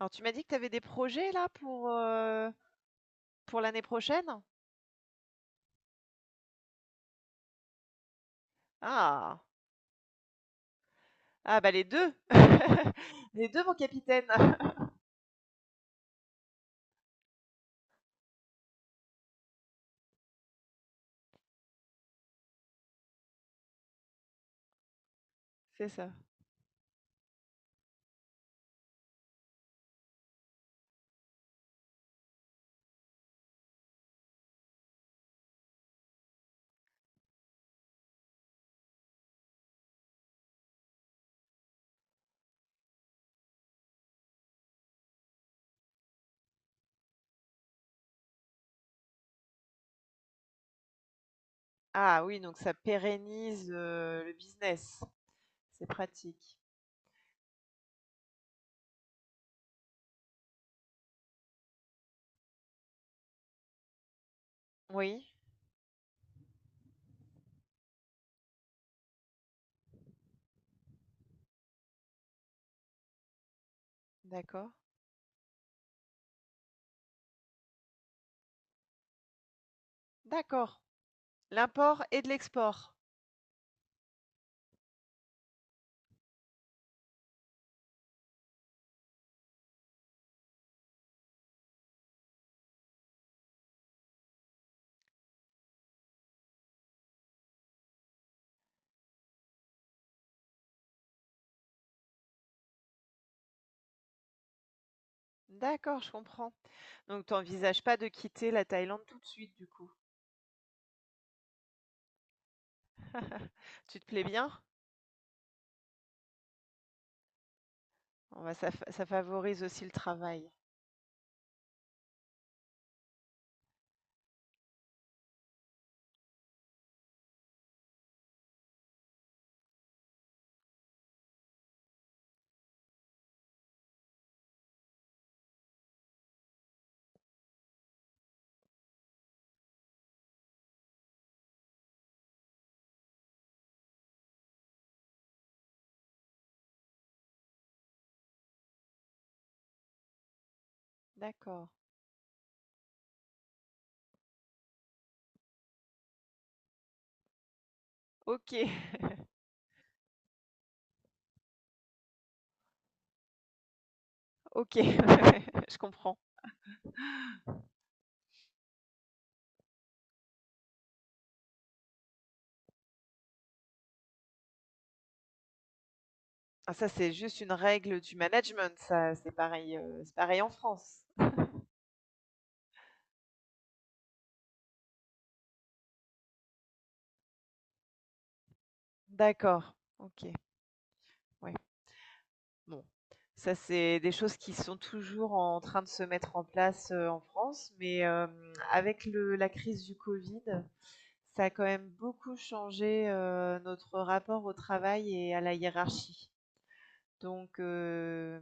Alors tu m'as dit que tu avais des projets là pour l'année prochaine? Ah! Ah bah les 2 Les 2 mon capitaine! C'est ça. Ah oui, donc ça pérennise, le business. C'est pratique. Oui, d'accord. D'accord. L'import et de l'export. D'accord, je comprends. Donc tu envisages pas de quitter la Thaïlande tout de suite du coup? Tu te plais bien? Bon bah ça favorise aussi le travail. D'accord. OK. OK, je comprends. Ah ça, c'est juste une règle du management, ça, c'est pareil en France. D'accord, OK, ouais. Bon, ça, c'est des choses qui sont toujours en train de se mettre en place, en France, mais, avec le la crise du Covid, ça a quand même beaucoup changé, notre rapport au travail et à la hiérarchie. Donc,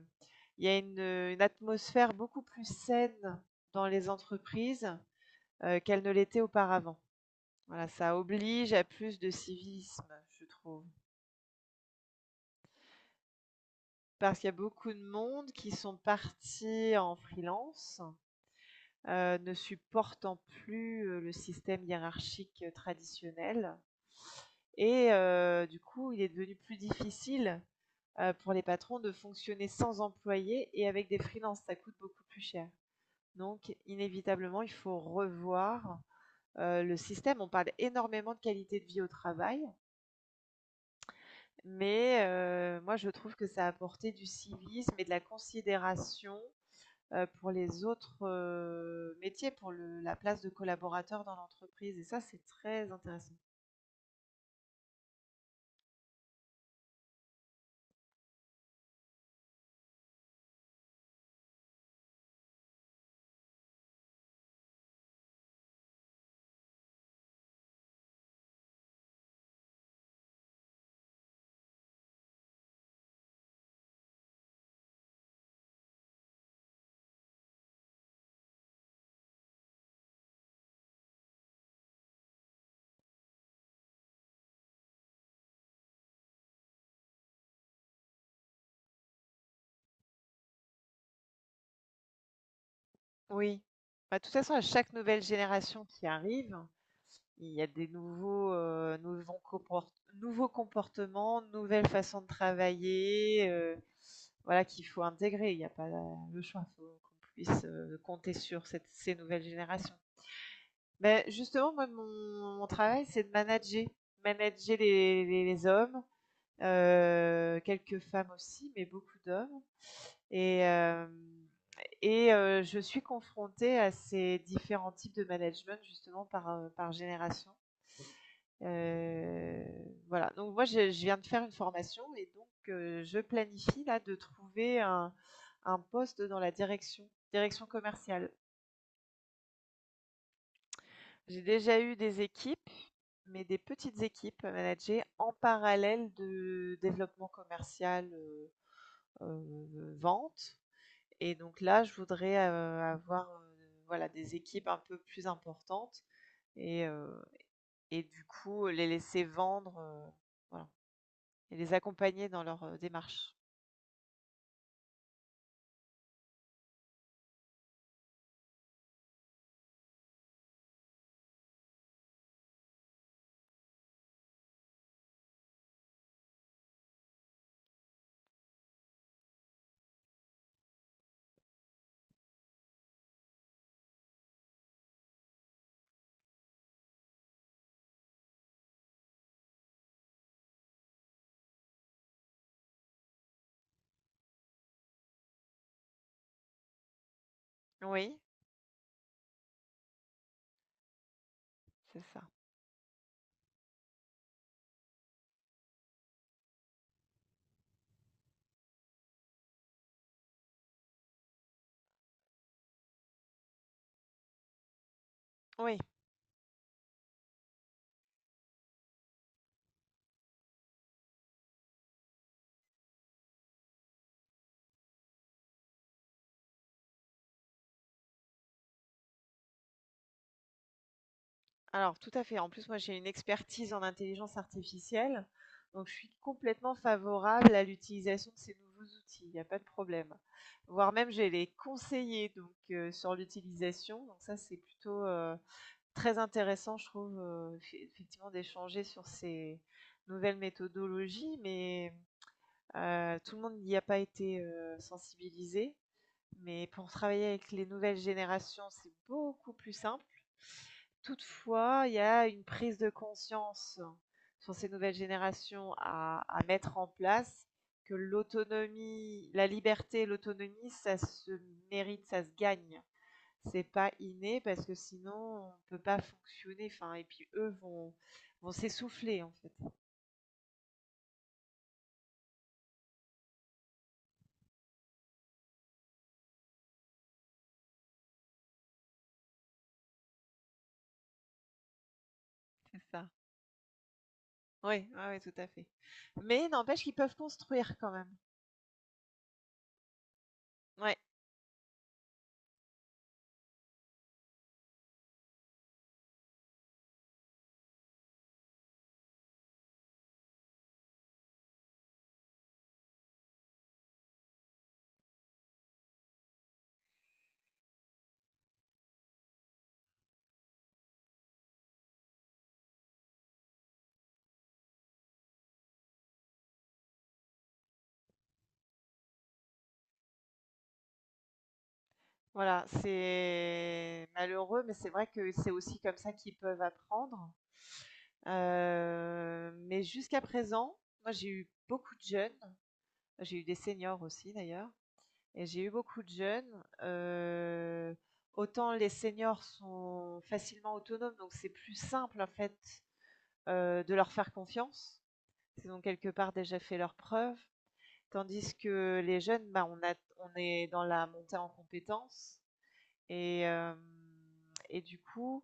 il y a une atmosphère beaucoup plus saine dans les entreprises, qu'elle ne l'était auparavant. Voilà, ça oblige à plus de civisme, je trouve. Parce qu'il y a beaucoup de monde qui sont partis en freelance, ne supportant plus le système hiérarchique traditionnel. Et du coup, il est devenu plus difficile pour les patrons de fonctionner sans employés et avec des freelances. Ça coûte beaucoup plus cher. Donc, inévitablement, il faut revoir le système. On parle énormément de qualité de vie au travail. Mais moi, je trouve que ça apportait du civisme et de la considération, pour les autres, métiers, pour le la place de collaborateur dans l'entreprise, et ça, c'est très intéressant. Oui. Bah, de toute façon, à chaque nouvelle génération qui arrive, il y a des nouveaux, nouveaux comport nouveaux comportements, nouvelles façons de travailler, voilà, qu'il faut intégrer. Il n'y a pas le choix. Il faut qu'on puisse, compter sur cette ces nouvelles générations. Beh, justement, moi, mon travail, c'est de manager. Manager les hommes, quelques femmes aussi, mais beaucoup d'hommes. Et hem je suis confrontée à ces différents types de management justement par, par génération. Heu, voilà, donc moi je viens de faire une formation et donc je planifie là de trouver un poste dans la direction, direction commerciale. J'ai déjà eu des équipes, mais des petites équipes à manager en parallèle de développement commercial, vente, et donc là, je voudrais, avoir, voilà, des équipes un peu plus importantes, et heu et du coup, les laisser vendre, voilà, et les accompagner dans leur, démarche. Oui, c'est ça. Oui. Alors tout à fait. En plus, moi, j'ai une expertise en intelligence artificielle, donc je suis complètement favorable à l'utilisation de ces nouveaux outils. Il n'y a pas de problème. Voire même, j'ai les conseillers donc sur l'utilisation. Donc ça, c'est plutôt très intéressant, je trouve, effectivement, d'échanger sur ces nouvelles méthodologies. Mais tout le monde n'y a pas été sensibilisé. Mais pour travailler avec les nouvelles générations, c'est beaucoup plus simple. Toutefois, il y a une prise de conscience sur ces nouvelles générations à mettre en place, que l'autonomie la liberté et l'autonomie, ça se mérite, ça se gagne. C'est pas inné parce que sinon on peut pas fonctionner, enfin, et puis eux vont s'essouffler en fait. C'est ça. Oui, ouais, ouais, tout à fait. Mais n'empêche qu'ils peuvent construire quand même. Ouais, voilà, c'est malheureux, mais c'est vrai que c'est aussi comme ça qu'ils peuvent apprendre. Mais jusqu'à présent, moi j'ai eu beaucoup de jeunes, j'ai eu des seniors aussi d'ailleurs, et j'ai eu beaucoup de jeunes. Autant les seniors sont facilement autonomes, donc c'est plus simple en fait, de leur faire confiance. Ils ont quelque part déjà fait leurs preuves. Tandis que les jeunes, bah, on est dans la montée en compétences, et hem et du coup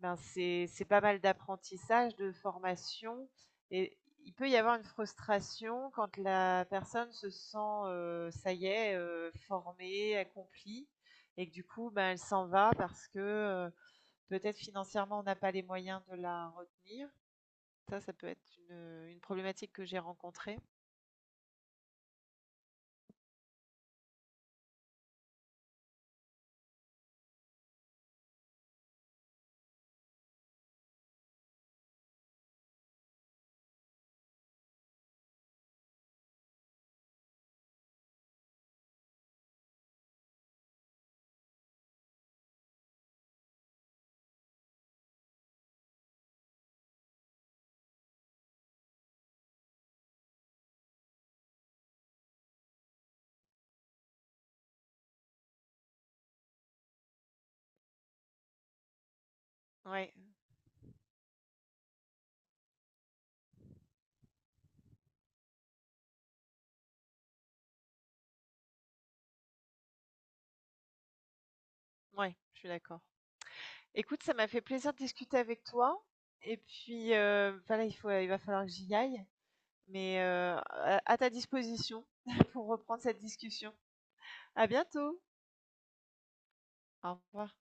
ben, c'est pas mal d'apprentissage, de formation, et il peut y avoir une frustration quand la personne se sent, ça y est, formée, accomplie, et que du coup, ben, elle s'en va parce que, heu, peut-être financièrement on n'a pas les moyens de la retenir. Ça peut être une problématique que j'ai rencontrée. Ouais, ouais, je suis d'accord. Écoute, ça m'a fait plaisir de discuter avec toi, et puis, bah, il va falloir que j'y aille, mais à ta disposition pour reprendre cette discussion. À bientôt. Au revoir.